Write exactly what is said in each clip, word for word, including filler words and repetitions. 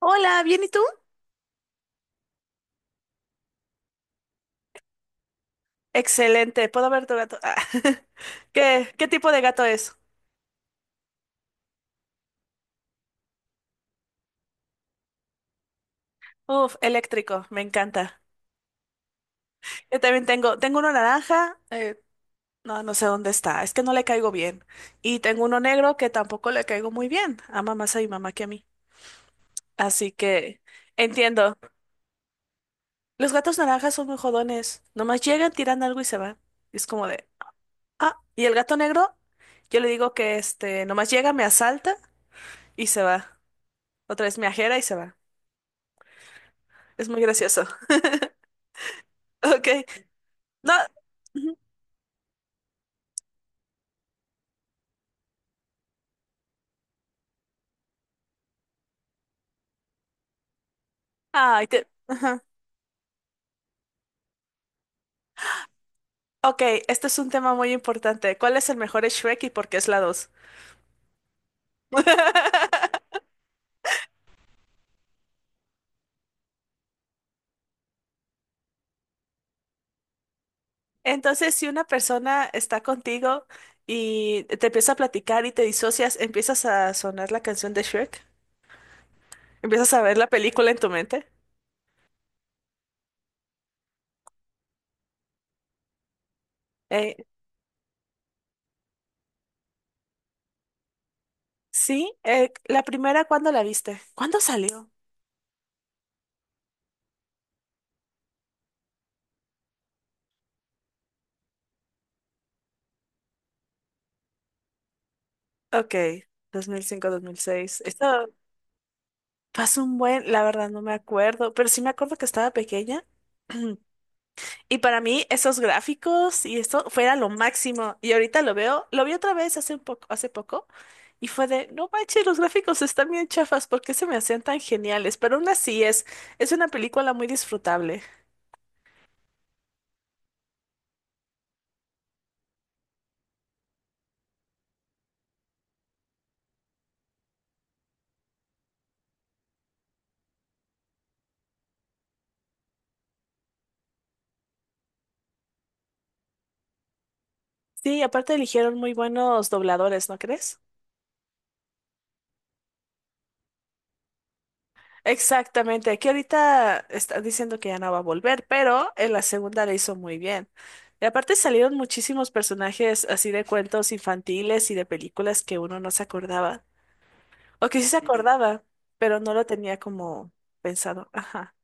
Hola, ¿bien y tú? Excelente, puedo ver tu gato. Ah, ¿Qué, qué tipo de gato es? Uf, eléctrico, me encanta. Yo también tengo, tengo uno naranja, eh, no, no sé dónde está, es que no le caigo bien. Y tengo uno negro que tampoco le caigo muy bien, ama más a mi mamá que a mí. Así que entiendo. Los gatos naranjas son muy jodones, nomás llegan, tiran algo y se van. Y es como de, ah, y el gato negro, yo le digo que este, nomás llega, me asalta y se va. Otra vez me ajera y se va. Es muy gracioso. Ok, no. Ujú. Ay, te... ajá. Ok, este es un tema muy importante. ¿Cuál es el mejor Shrek y por qué es la dos? Entonces, si una persona está contigo y te empieza a platicar y te disocias, empiezas a sonar la canción de Shrek, empiezas a ver la película en tu mente. Eh, sí, eh, la primera, ¿cuándo la viste? ¿Cuándo salió? Ok, dos mil cinco, dos mil seis. Esto pasó un buen, la verdad no me acuerdo, pero sí me acuerdo que estaba pequeña. Y para mí esos gráficos y esto fuera lo máximo. Y ahorita lo veo, lo vi otra vez hace un poco, hace poco y fue de, no manches, los gráficos están bien chafas, ¿por qué se me hacían tan geniales? Pero aún así es, es una película muy disfrutable. Sí, aparte eligieron muy buenos dobladores, ¿no crees? Exactamente, aquí ahorita están diciendo que ya no va a volver, pero en la segunda le hizo muy bien. Y aparte salieron muchísimos personajes así de cuentos infantiles y de películas que uno no se acordaba. O que sí se acordaba, pero no lo tenía como pensado. Ajá.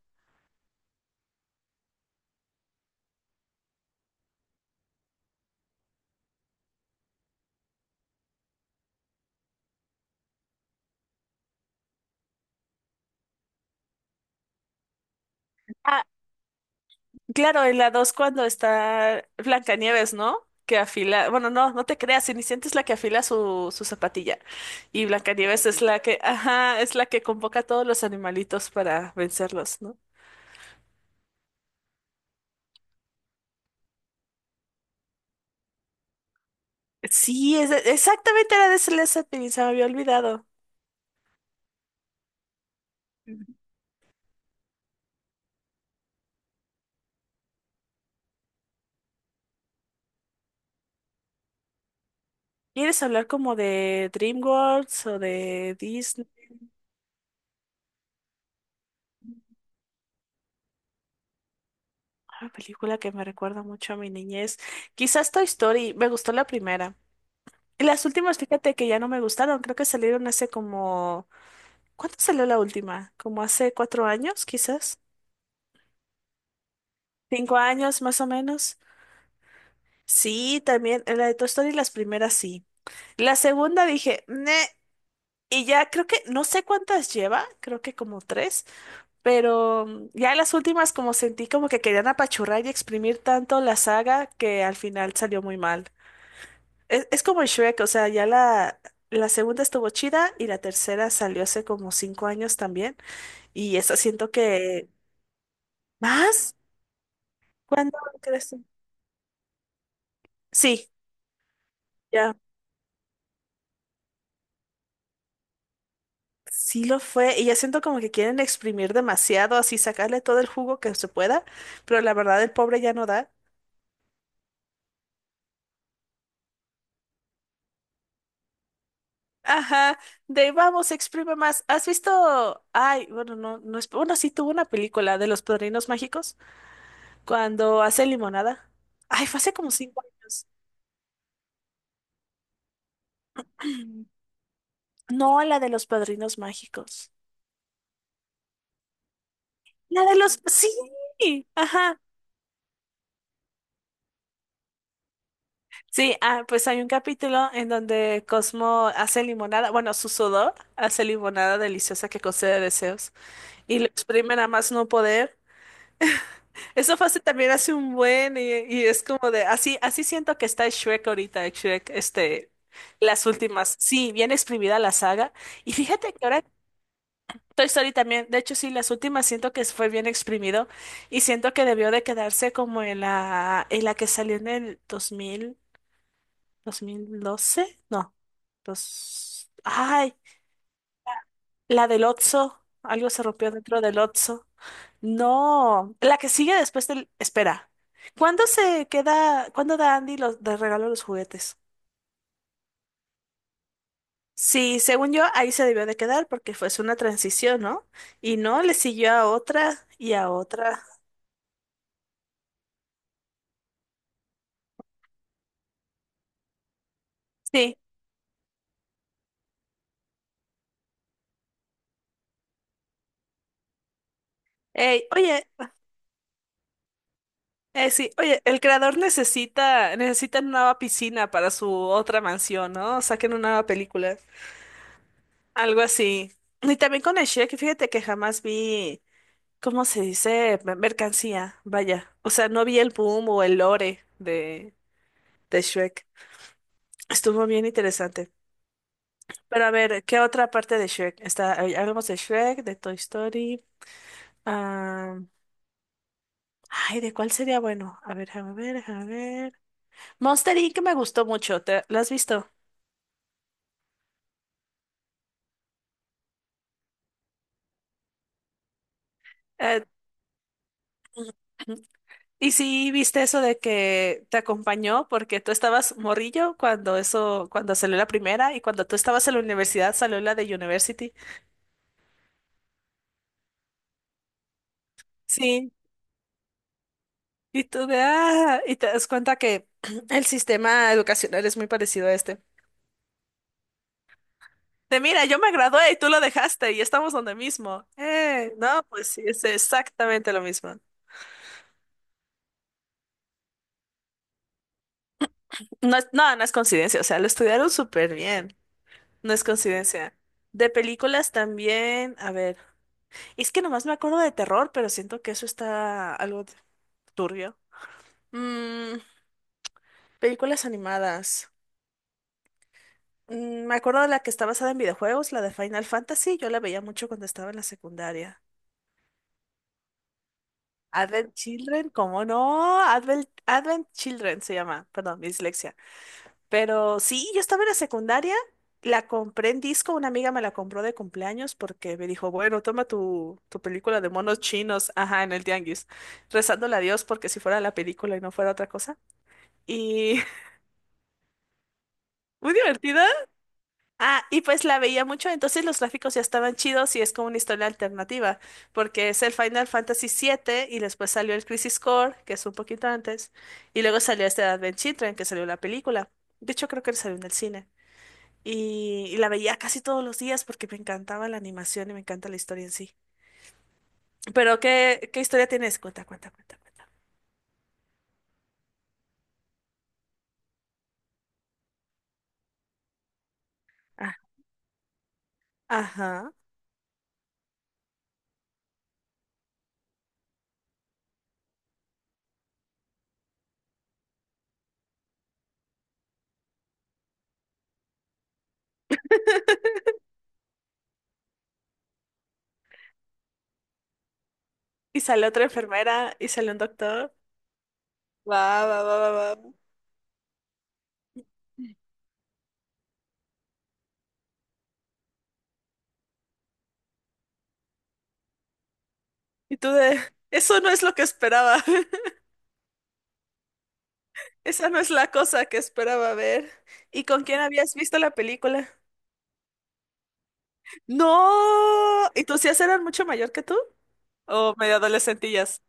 Ah, claro, en la dos cuando está Blancanieves, ¿no? Que afila, bueno, no, no te creas, Cenicienta es la que afila su, su zapatilla y Blancanieves es la que, ajá, es la que convoca a todos los animalitos para vencerlos, ¿no? Sí, es, exactamente era de Celeste Zeppelin, se me había olvidado. ¿Quieres hablar como de DreamWorks o de Disney? Una película que me recuerda mucho a mi niñez. Quizás Toy Story, me gustó la primera. Las últimas, fíjate que ya no me gustaron, creo que salieron hace como... ¿Cuándo salió la última? Como hace cuatro años, quizás. Cinco años, más o menos. Sí, también, la de Toy Story, las primeras sí. La segunda dije, "Neh", y ya creo que, no sé cuántas lleva, creo que como tres, pero mm, ya las últimas como sentí como que querían apachurrar y exprimir tanto la saga que al final salió muy mal. Es, es como en Shrek, o sea, ya la, la segunda estuvo chida y la tercera salió hace como cinco años también. Y esa siento que... ¿Más? ¿Cuándo crees tú? Sí, ya. Sí lo fue. Y ya siento como que quieren exprimir demasiado, así sacarle todo el jugo que se pueda. Pero la verdad, el pobre ya no da. Ajá, de vamos, exprime más. ¿Has visto? Ay, bueno, no, no es. Bueno, sí tuvo una película de los Padrinos Mágicos cuando hace limonada. Ay, fue hace como cinco años. No, la de los padrinos mágicos. La de los... Sí, ajá. Sí, ah, pues hay un capítulo en donde Cosmo hace limonada, bueno, su sudor hace limonada deliciosa que concede deseos y lo exprime a más no poder. Eso fue hace también hace un buen y, y es como de, así, así siento que está Shrek ahorita, Shrek, este, las últimas. Sí, bien exprimida la saga. Y fíjate que ahora Toy Story también, de hecho sí, las últimas siento que fue bien exprimido y siento que debió de quedarse como en la, en la que salió en el dos dos mil dos mil doce no, dos, ay, la del Otso, algo se rompió dentro del Otso, no, la que sigue después del, espera, ¿cuándo se queda, cuándo da Andy los, de regalo los juguetes? Sí, según yo, ahí se debió de quedar porque fue es una transición, ¿no? Y no, le siguió a otra y a otra. Sí, ey, oye, eh, sí, oye, el creador necesita, necesita una nueva piscina para su otra mansión, ¿no? Saquen una nueva película, algo así. Y también con el Shrek, fíjate que jamás vi, ¿cómo se dice? Me- mercancía, vaya. O sea, no vi el boom o el lore de, de Shrek. Estuvo bien interesante. Pero a ver, ¿qué otra parte de Shrek? Está, ay, hablamos de Shrek, de Toy Story. Ah, ay, ¿de cuál sería bueno? A ver, déjame ver, déjame ver. Monster Inc me gustó mucho, ¿te, ¿la has visto? Eh, y sí, viste eso de que te acompañó porque tú estabas morrillo cuando eso, cuando salió la primera y cuando tú estabas en la universidad salió la de University. Sí, y tú de ah, y te das cuenta que el sistema educacional es muy parecido a este. De mira, yo me gradué y tú lo dejaste y estamos donde mismo. Eh, no, pues sí, es exactamente lo mismo. No, es- no, no es coincidencia, o sea, lo estudiaron súper bien. No es coincidencia. De películas también, a ver, es que nomás me acuerdo de terror, pero siento que eso está algo turbio. Mm, películas animadas. Mm, me acuerdo de la que está basada en videojuegos, la de Final Fantasy, yo la veía mucho cuando estaba en la secundaria. Advent Children, ¿cómo no? Advent, Advent Children se llama, perdón, mi dislexia. Pero sí, yo estaba en la secundaria, la compré en disco, una amiga me la compró de cumpleaños porque me dijo, bueno, toma tu, tu película de monos chinos, ajá, en el tianguis, rezándole a Dios porque si fuera la película y no fuera otra cosa. Y muy divertida. Ah, y pues la veía mucho, entonces los gráficos ya estaban chidos y es como una historia alternativa, porque es el Final Fantasy siete y después salió el Crisis Core, que es un poquito antes, y luego salió este Advent Children, que salió la película. De hecho, creo que salió en el cine. y, y la veía casi todos los días porque me encantaba la animación y me encanta la historia en sí. Pero ¿qué, qué historia tienes? Cuenta, cuenta, cuenta, cuenta. Ah, ajá. Y sale otra enfermera y sale un doctor. Va, va, va, va, va. Y tú de, eso no es lo que esperaba. Esa no es la cosa que esperaba ver. ¿Y con quién habías visto la película? No. ¿Y tus tías eran mucho mayor que tú? ¿O medio adolescentillas?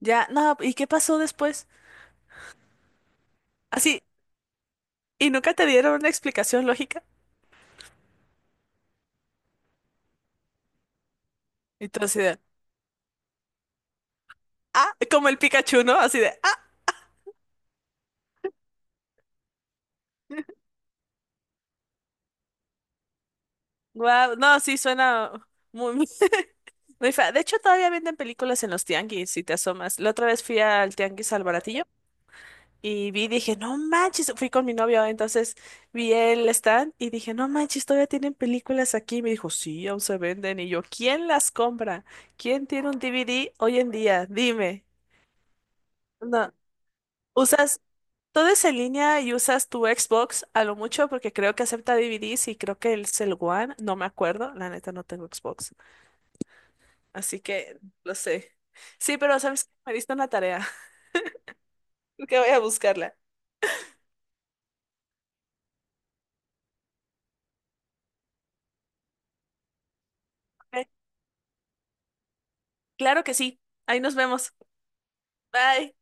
Ya, no, ¿y qué pasó después? Así, ¿y nunca te dieron una explicación lógica? Y tú así de, ah, como el Pikachu, ¿no? Así de, ah, wow, no, sí, suena muy, muy, muy fea. De hecho, todavía venden películas en los tianguis, si te asomas. La otra vez fui al tianguis al Baratillo y vi, dije, no manches, fui con mi novio, entonces vi el stand y dije, no manches, todavía tienen películas aquí. Y me dijo, sí, aún se venden. Y yo, ¿quién las compra? ¿Quién tiene un D V D hoy en día? Dime. No, ¿usas, todo es en línea y usas tu Xbox a lo mucho porque creo que acepta D V Ds y creo que el Cell One, no me acuerdo, la neta no tengo Xbox, así que lo sé. Sí, pero sabes que me diste una tarea, que voy a buscarla. Ok, claro que sí, ahí nos vemos. Bye.